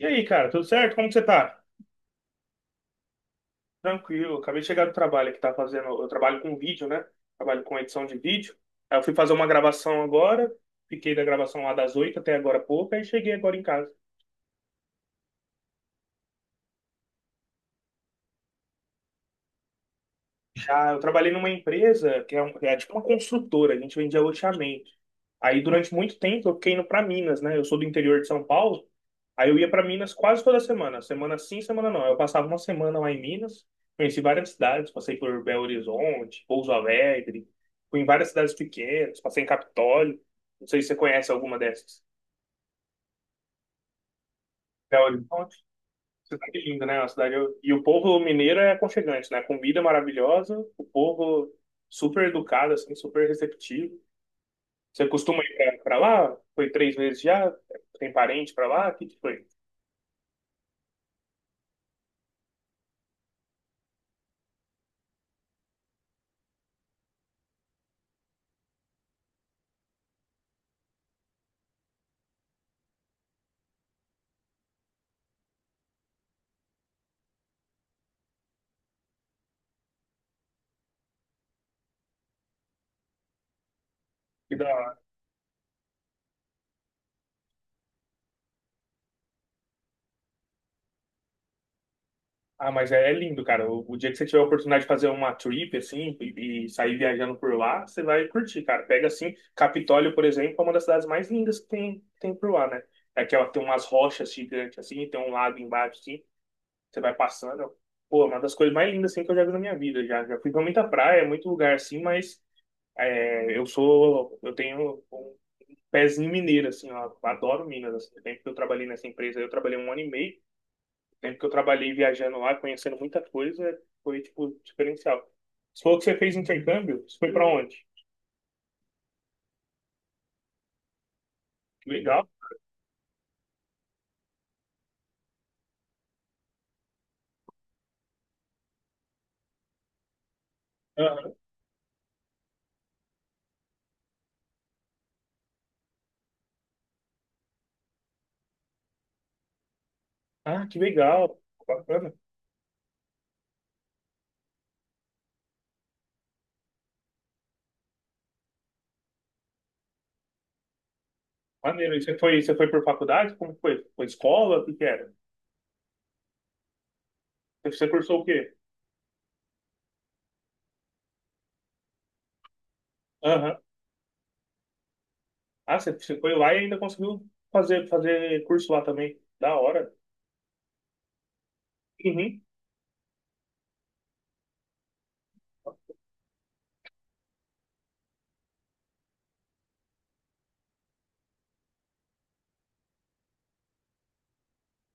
E aí, cara, tudo certo? Como que você tá? Tranquilo, acabei de chegar do trabalho que tá fazendo. Eu trabalho com vídeo, né? Trabalho com edição de vídeo. Aí eu fui fazer uma gravação agora, fiquei da gravação lá das 8 até agora há pouco, aí cheguei agora em casa. Ah, eu trabalhei numa empresa é tipo uma construtora, a gente vendia loteamento. Aí durante muito tempo eu fiquei indo pra Minas, né? Eu sou do interior de São Paulo. Aí eu ia para Minas quase toda semana, semana sim, semana não. Eu passava uma semana lá em Minas, conheci várias cidades, passei por Belo Horizonte, Pouso Alegre, fui em várias cidades pequenas, passei em Capitólio. Não sei se você conhece alguma dessas. Belo Horizonte, cidade linda, né? E o povo mineiro é aconchegante, né? Comida maravilhosa, o povo super educado, assim, super receptivo. Você costuma ir para lá? Foi três vezes já? Tem parente para lá? O que que foi? Que da hora. Ah, mas é, é lindo, cara. O dia que você tiver a oportunidade de fazer uma trip, assim, e sair viajando por lá, você vai curtir, cara. Pega, assim, Capitólio, por exemplo, é uma das cidades mais lindas que tem por lá, né? É que ela tem umas rochas gigantes, assim, tem um lago embaixo, assim, você vai passando. Pô, é uma das coisas mais lindas, assim, que eu já vi na minha vida. Já fui pra muita praia, muito lugar, assim, mas é, eu tenho um pezinho mineiro, assim, ó. Adoro Minas, assim. Tempo que eu trabalhei nessa empresa, eu trabalhei 1 ano e meio, tempo que eu trabalhei viajando lá, conhecendo muita coisa, foi, tipo, diferencial. Você falou que você fez intercâmbio? Você foi pra onde? Que legal. Aham. Ah, que legal. Bacana. Maneiro. E você foi por faculdade? Como foi? Foi escola? O que que era? Você cursou o quê? Aham. Ah, você foi lá e ainda conseguiu fazer curso lá também. Da hora. Uhum.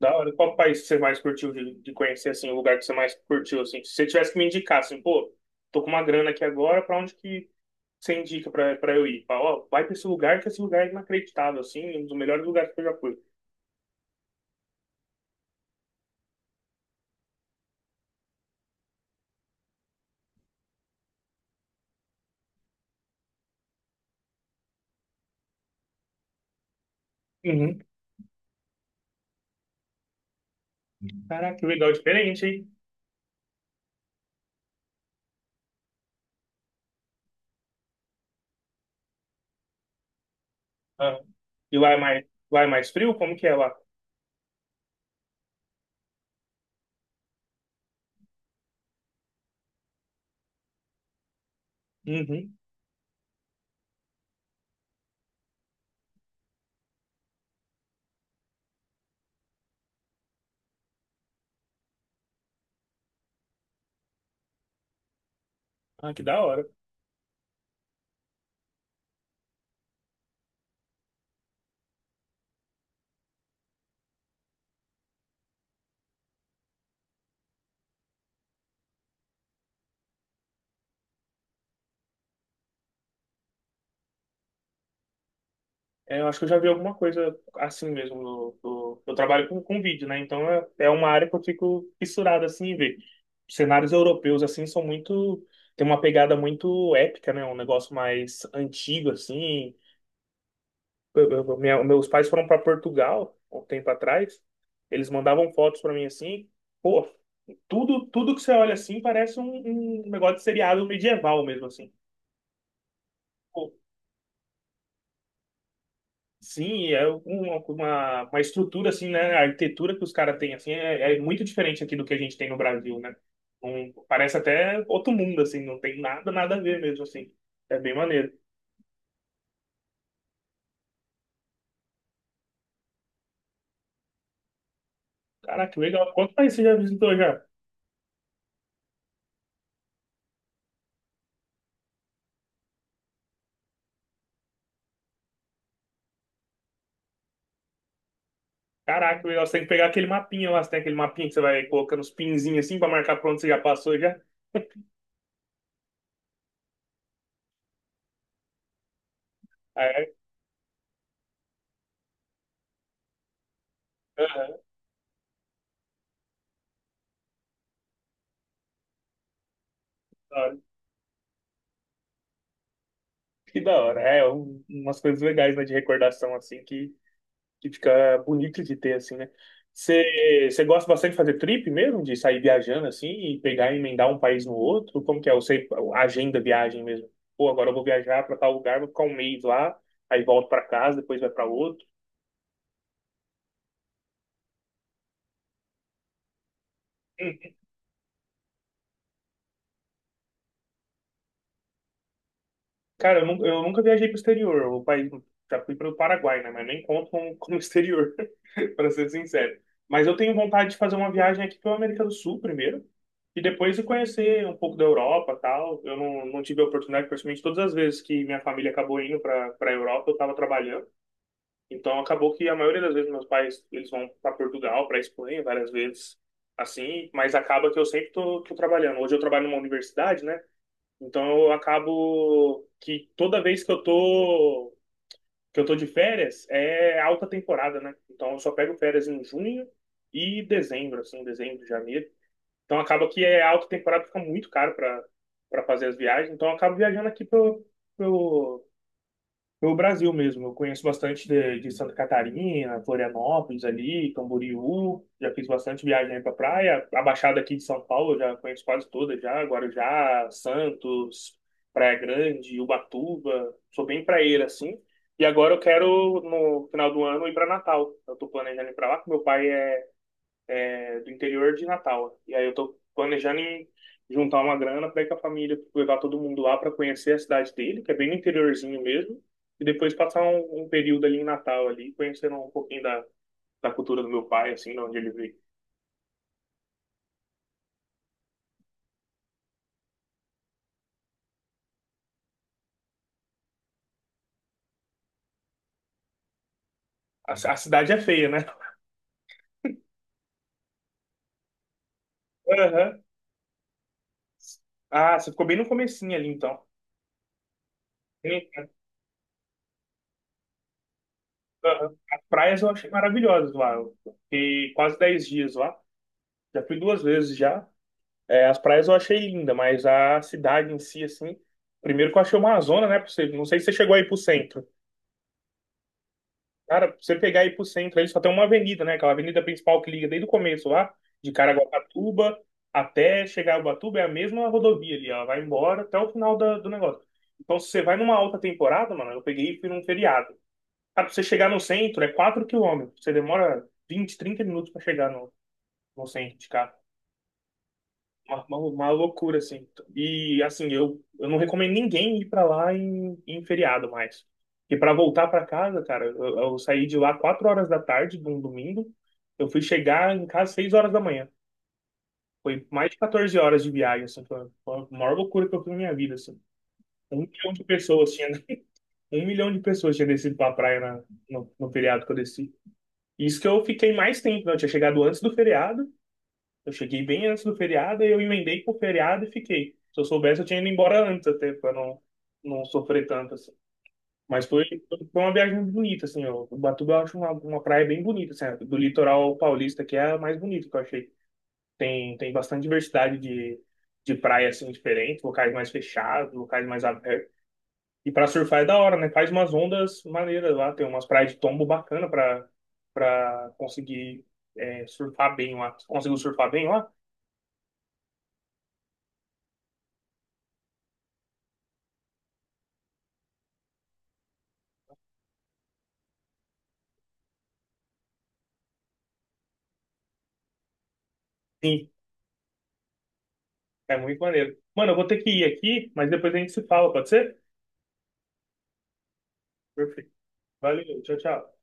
Da hora. Qual país que você mais curtiu de conhecer, assim, o lugar que você mais curtiu, assim? Se você tivesse que me indicar, assim, pô, tô com uma grana aqui agora, pra onde que você indica pra eu ir? Fala, ó, vai pra esse lugar, que esse lugar é inacreditável, assim, um dos melhores lugares que eu já fui. Uhum. Caraca, que legal, diferente, hein? Ah. E lá é mais frio? Como que é lá? Uhum. Ah, que da hora. É, eu acho que eu já vi alguma coisa assim mesmo. Eu trabalho com vídeo, né? Então é, é uma área que eu fico fissurado assim em ver. Cenários europeus assim são muito. Tem uma pegada muito épica, né? Um negócio mais antigo, assim. Meus pais foram para Portugal há um tempo atrás. Eles mandavam fotos para mim assim, pô, tudo que você olha assim parece um, um negócio de seriado medieval mesmo assim. Pô, sim, é uma estrutura assim, né? A arquitetura que os caras têm assim é, é muito diferente aqui do que a gente tem no Brasil, né? Um, parece até outro mundo assim, não tem nada a ver mesmo assim. É bem maneiro. Caraca, que legal. Quanto país você já visitou já? Caraca, legal. Você tem que pegar aquele mapinha lá. Você tem aquele mapinha que você vai colocando os pinzinhos assim pra marcar pra onde você já passou já. Ah, é. Aham, da hora. Que da hora. É, um- umas coisas legais, né, de recordação assim que fica bonito de ter, assim, né? Você gosta bastante de fazer trip mesmo? De sair viajando assim e pegar e emendar um país no outro? Como que é? Eu sei, agenda viagem mesmo. Pô, agora eu vou viajar pra tal lugar, vou ficar um mês lá, aí volto pra casa, depois vai pra outro. Cara, eu nunca viajei pro exterior. O país, já fui pro Paraguai, né? Mas nem conto como exterior, para ser sincero. Mas eu tenho vontade de fazer uma viagem aqui pela América do Sul primeiro. E depois de conhecer um pouco da Europa tal. Eu não, Não tive a oportunidade, principalmente todas as vezes que minha família acabou indo para Europa, eu estava trabalhando. Então acabou que a maioria das vezes meus pais eles vão para Portugal, para Espanha várias vezes, assim. Mas acaba que eu sempre tô trabalhando. Hoje eu trabalho numa universidade, né? Então eu acabo que toda vez que eu tô de férias é alta temporada, né? Então eu só pego férias em junho e dezembro, assim, dezembro, janeiro. Então acaba que é alta temporada, fica muito caro para fazer as viagens. Então eu acabo viajando aqui para pelo Brasil mesmo, eu conheço bastante de Santa Catarina, Florianópolis ali, Camboriú, já fiz bastante viagem aí pra praia. A Baixada aqui de São Paulo eu já conheço quase toda já, Guarujá, Santos, Praia Grande, Ubatuba. Sou bem praieiro assim. E agora eu quero, no final do ano, ir para Natal. Eu tô planejando ir pra lá, que meu pai é do interior de Natal. E aí eu tô planejando em juntar uma grana para ir com a família, levar todo mundo lá para conhecer a cidade dele, que é bem no interiorzinho mesmo, e depois passar um, um período ali em Natal ali, conhecendo um pouquinho da, da cultura do meu pai, assim, de onde ele veio. A cidade é feia, né? Aham. Ah, você ficou bem no comecinho ali, então. Sim, aham. As praias eu achei maravilhosas lá. Eu fiquei quase 10 dias lá. Já fui duas vezes já. É, as praias eu achei linda, mas a cidade em si, assim, primeiro que eu achei uma zona, né? Pra você, não sei se você chegou aí pro centro. Cara, pra você pegar aí pro centro, aí só tem uma avenida, né? Aquela avenida principal que liga desde o começo lá, de Caraguatatuba até chegar a Ubatuba, é a mesma rodovia ali, ela vai embora até o final do negócio. Então, se você vai numa alta temporada, mano, eu peguei e fui num feriado. Cara, pra você chegar no centro é 4 quilômetros, você demora 20, 30 minutos pra chegar no, no centro de cá. Uma loucura, assim. E, assim, eu não recomendo ninguém ir pra lá em feriado mais. E pra voltar pra casa, cara, eu saí de lá 4 horas da tarde de um domingo. Eu fui chegar em casa 6 horas da manhã. Foi mais de 14 horas de viagem, assim. Foi a maior loucura que eu fiz na minha vida, assim. 1 milhão de pessoas tinha... 1 milhão de pessoas tinha descido pra praia na, no feriado que eu desci. Isso que eu fiquei mais tempo, né? Eu tinha chegado antes do feriado, eu cheguei bem antes do feriado, aí eu emendei com o feriado e fiquei. Se eu soubesse, eu tinha ido embora antes até, pra não, não sofrer tanto, assim. Mas foi, foi uma viagem bonita, assim, ó. Ubatuba eu acho uma praia bem bonita, assim. Do litoral paulista, que é a mais bonita que eu achei. Tem bastante diversidade de praia, assim, diferente. Locais mais fechados, locais mais abertos. E pra surfar é da hora, né? Faz umas ondas maneiras lá. Tem umas praias de tombo bacana pra, pra conseguir é, surfar bem lá. Conseguiu surfar bem lá? Sim. É muito maneiro. Mano, eu vou ter que ir aqui, mas depois a gente se fala, pode ser? Perfeito. Valeu, tchau, tchau.